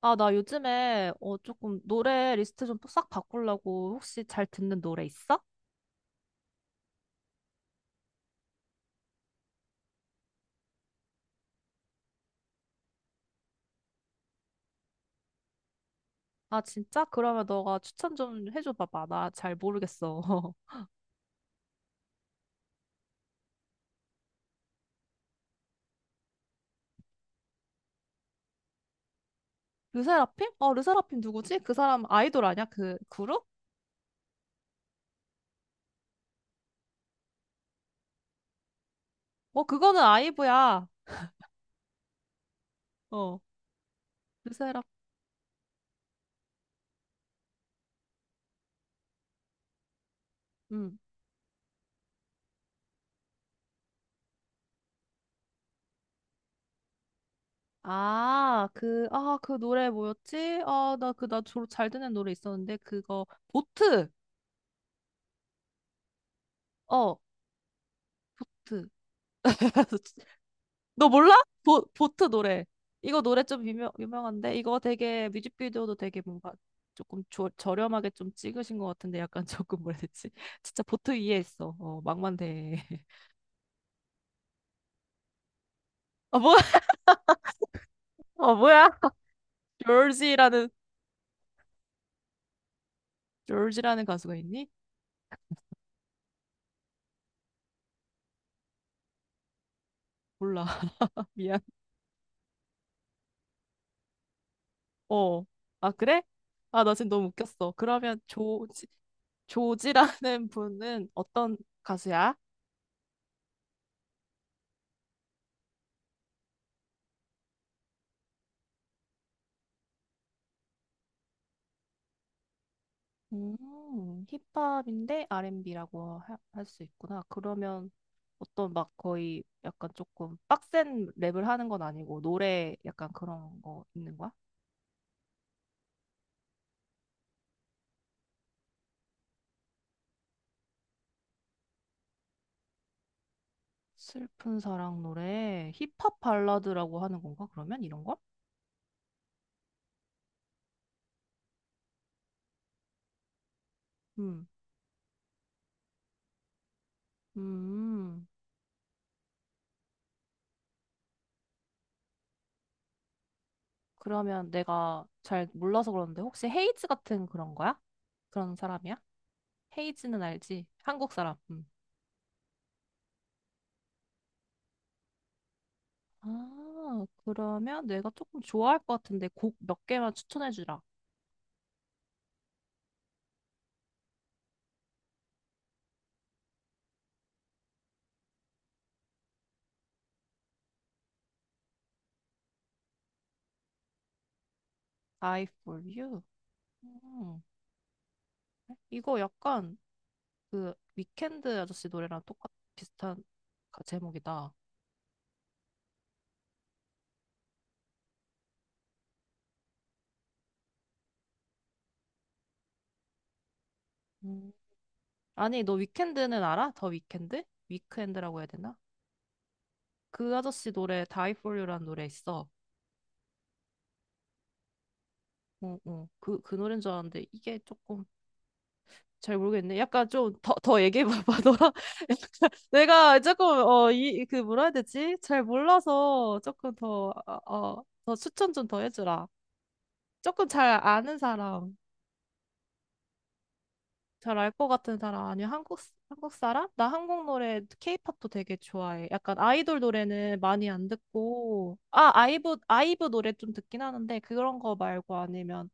아, 나 요즘에 조금 노래 리스트 좀 싹 바꾸려고 혹시 잘 듣는 노래 있어? 아, 진짜? 그러면 너가 추천 좀 해줘 봐봐. 나 잘 모르겠어. 르세라핌? 어, 르세라핌 누구지? 그 사람 아이돌 아니야? 그 그룹? 어, 그거는 아이브야. 어, 르세라. 음. 아, 그, 아, 그 노래 뭐였지? 아, 나 그, 나 주로 잘 듣는 노래 있었는데, 그거, 보트! 어, 보트. 너 몰라? 보트 노래. 이거 노래 좀 유명한데? 이거 되게 뮤직비디오도 되게 뭔가 조금 저렴하게 좀 찍으신 것 같은데 약간 조금 뭐라 해야 되지? 진짜 보트 위에 있어. 어, 망만대. 어, 뭐야? 어, 뭐야? 조지라는, 조지라는 가수가 있니? 몰라. 미안. 어. 아, 그래? 아, 나 지금 너무 웃겼어. 그러면 조지, 조지라는 분은 어떤 가수야? 힙합인데 R&B라고 할 수 있구나. 그러면 어떤 막 거의 약간 조금 빡센 랩을 하는 건 아니고 노래 약간 그런 거 있는 거야? 슬픈 사랑 노래, 힙합 발라드라고 하는 건가? 그러면 이런 걸? 음, 음. 그러면 내가 잘 몰라서 그러는데 혹시 헤이즈 같은 그런 거야? 그런 사람이야? 헤이즈는 알지? 한국 사람. 음. 아, 그러면 내가 조금 좋아할 것 같은데 곡 몇 개만 추천해 주라. Die for you. 음. 이거 약간 그 위켄드 아저씨 노래랑 똑같 비슷한 제목이다. 음. 아니, 너 위켄드는 알아? 더 위켄드? 위크엔드라고 해야 되나? 그 아저씨 노래 Die for you라는 노래 있어. 어, 어. 그, 그 노래인 줄 알았는데 이게 조금 잘 모르겠네. 약간 좀 더, 더 얘기해봐봐. 너랑 약간 내가 조금 어, 이, 그 뭐라 해야 되지? 잘 몰라서 조금 더, 어, 어, 더 추천 좀 더 해주라. 조금 잘 아는 사람. 잘 알 것 같은 사람 아니면 한국 사람? 나 한국 노래 케이팝도 되게 좋아해. 약간 아이돌 노래는 많이 안 듣고 아 아이브 노래 좀 듣긴 하는데 그런 거 말고 아니면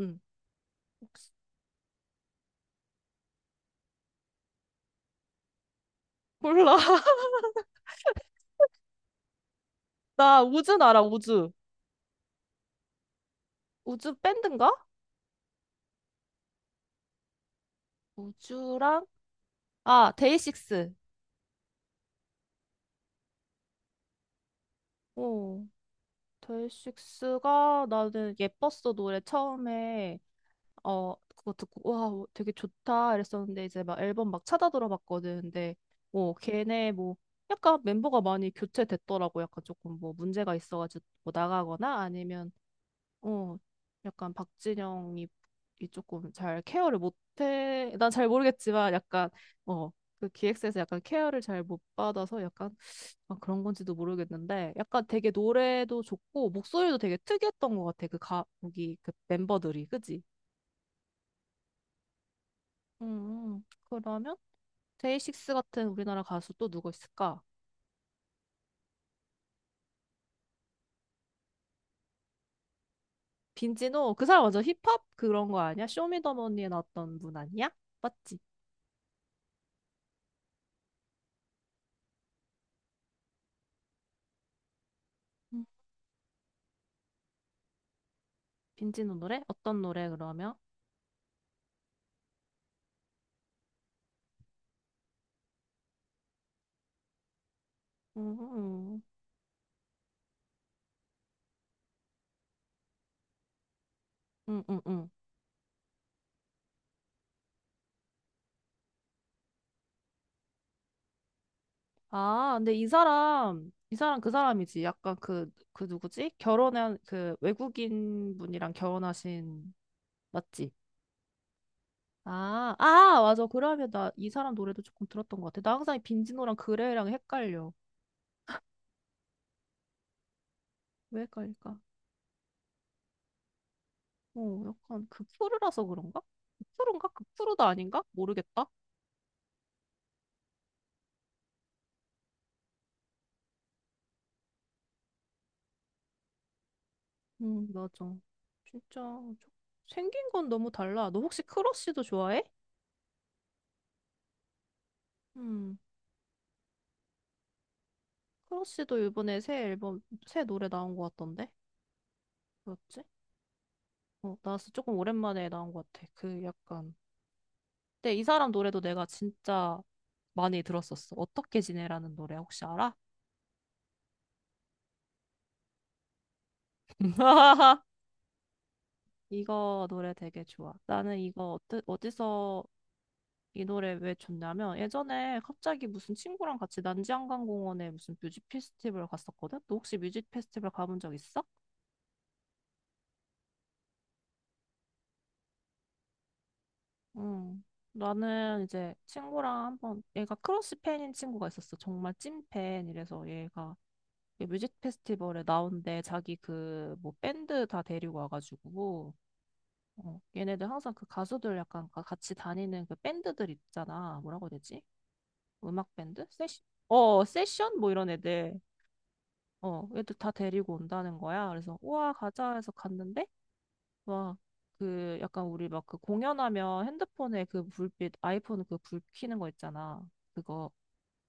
음 혹시- 몰라. 나 우즈 알아 우즈 우즈 밴드인가? 우즈랑 아 데이식스. 어 데이식스가 나는 예뻤어 노래 처음에 어, 그거 듣고, 와, 뭐 되게 좋다. 이랬었는데, 이제 막 앨범 막 찾아 들어봤거든. 근데, 뭐, 걔네 뭐, 약간 멤버가 많이 교체됐더라고. 약간 조금 뭐, 문제가 있어가지고 뭐 나가거나 아니면, 어, 약간 박진영이 이 조금 잘 케어를 못해. 난 잘 모르겠지만, 약간, 어, 그 기획사에서 약간 케어를 잘 못 받아서 약간, 아, 그런 건지도 모르겠는데, 약간 되게 노래도 좋고, 목소리도 되게 특이했던 것 같아. 그 가, 거기, 그 멤버들이. 그지? 그러면 데이식스 같은 우리나라 가수 또 누구 있을까? 빈지노 그 사람 완전 힙합 그런 거 아니야? 쇼미더머니에 나왔던 분 아니야? 맞지? 음, 빈지노 노래? 어떤 노래 그러면? 음, 음, 음, 음. 아, 근데 이 사람 그 사람이지. 약간 그 누구지? 결혼한 그 외국인 분이랑 결혼하신 맞지? 아, 아, 맞아. 그러면 나 이 사람 노래도 조금 들었던 것 같아. 나 항상 이 빈지노랑 그레이랑 헷갈려. 왜 헷갈릴까? 어, 약간 극프루라서 그런가? 극프루인가? 극프루도 아닌가? 모르겠다. 맞아. 진짜 저- 생긴 건 너무 달라. 너 혹시 크러쉬도 좋아해? 음, 크러쉬도 이번에 새 앨범, 새 노래 나온 것 같던데? 뭐였지? 어, 나왔어. 조금 오랜만에 나온 것 같아. 그 약간. 근데 이 사람 노래도 내가 진짜 많이 들었었어. 어떻게 지내라는 노래 혹시 알아? 이거 노래 되게 좋아. 나는 이거 어떠, 어디서 이 노래 왜 좋냐면 예전에 갑자기 무슨 친구랑 같이 난지한강공원에 무슨 뮤직 페스티벌 갔었거든? 너 혹시 뮤직 페스티벌 가본 적 있어? 응. 나는 이제 친구랑 한번 얘가 크러쉬 팬인 친구가 있었어. 정말 찐팬. 이래서 얘가 이 뮤직 페스티벌에 나온대. 자기 그 뭐 밴드 다 데리고 와가지고 어, 얘네들 항상 그 가수들 약간 같이 다니는 그 밴드들 있잖아. 뭐라고 해야 되지? 음악 밴드? 세션? 어, 세션? 뭐 이런 애들. 어, 애들 다 데리고 온다는 거야. 그래서, 우와, 가자 해서 갔는데, 막, 그, 약간 우리 막 그 공연하면 핸드폰에 그 불빛, 아이폰 그 불 켜는 거 있잖아. 그거,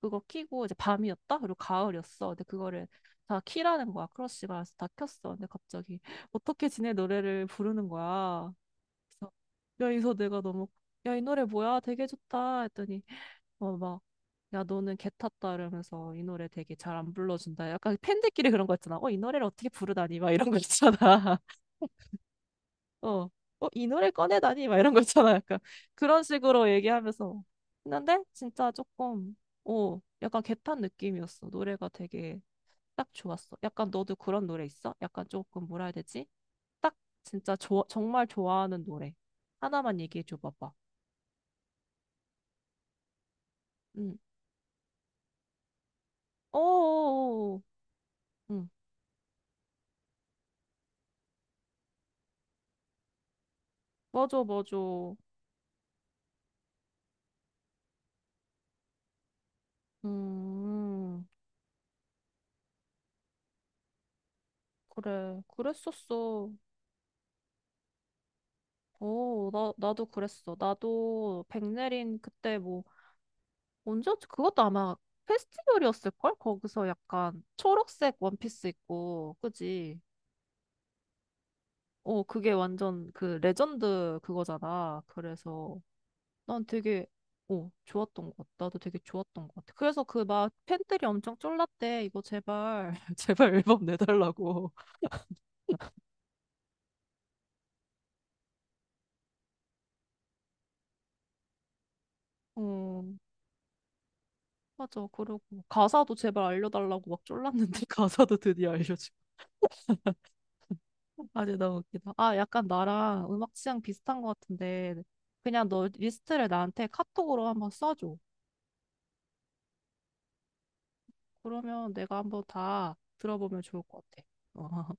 그거 켜고 이제 밤이었다? 그리고 가을이었어. 근데 그거를 다 키라는 거야. 크러쉬가. 그래서 다 켰어. 근데 갑자기, 어떻게 지내 노래를 부르는 거야. 그래서 여기서 내가 너무 야, 이 노래 뭐야? 되게 좋다 했더니 어, 막, 야, 너는 개 탔다 이러면서 이 노래 되게 잘 안 불러준다. 약간 팬들끼리 그런 거 있잖아. 어, 이 노래를 어떻게 부르다니? 막 이런 거 있잖아. 어, 어, 이 노래 꺼내다니? 막 이런 거 있잖아. 약간 그런 식으로 얘기하면서. 했는데 진짜 조금, 어, 약간 개 탄 느낌이었어. 노래가 되게 딱 좋았어. 약간 너도 그런 노래 있어? 약간 조금 뭐라 해야 되지? 딱 진짜 좋아, 정말 좋아하는 노래. 하나만 얘기해 줘 봐봐. 응. 어어어. 응. 맞아, 맞아. 음. 그래. 그랬었어. 오 나 나도 그랬어. 나도 백내린 그때 뭐 언제였지? 그것도 아마 페스티벌이었을 걸? 거기서 약간 초록색 원피스 입고. 그지? 어, 그게 완전 그 레전드 그거잖아. 그래서 난 되게 어, 좋았던 것 같아. 나도 되게 좋았던 것 같아. 그래서 그 막 팬들이 엄청 쫄랐대. 이거 제발, 제발 앨범 내달라고. 어, 맞아. 그러고 가사도 제발 알려달라고 막 쫄랐는데 가사도 드디어 알려주고. 아니, 너무 웃기다. 아, 약간 나랑 음악 취향 비슷한 것 같은데 그냥 너 리스트를 나한테 카톡으로 한번 써줘. 그러면 내가 한번 다 들어보면 좋을 것 같아.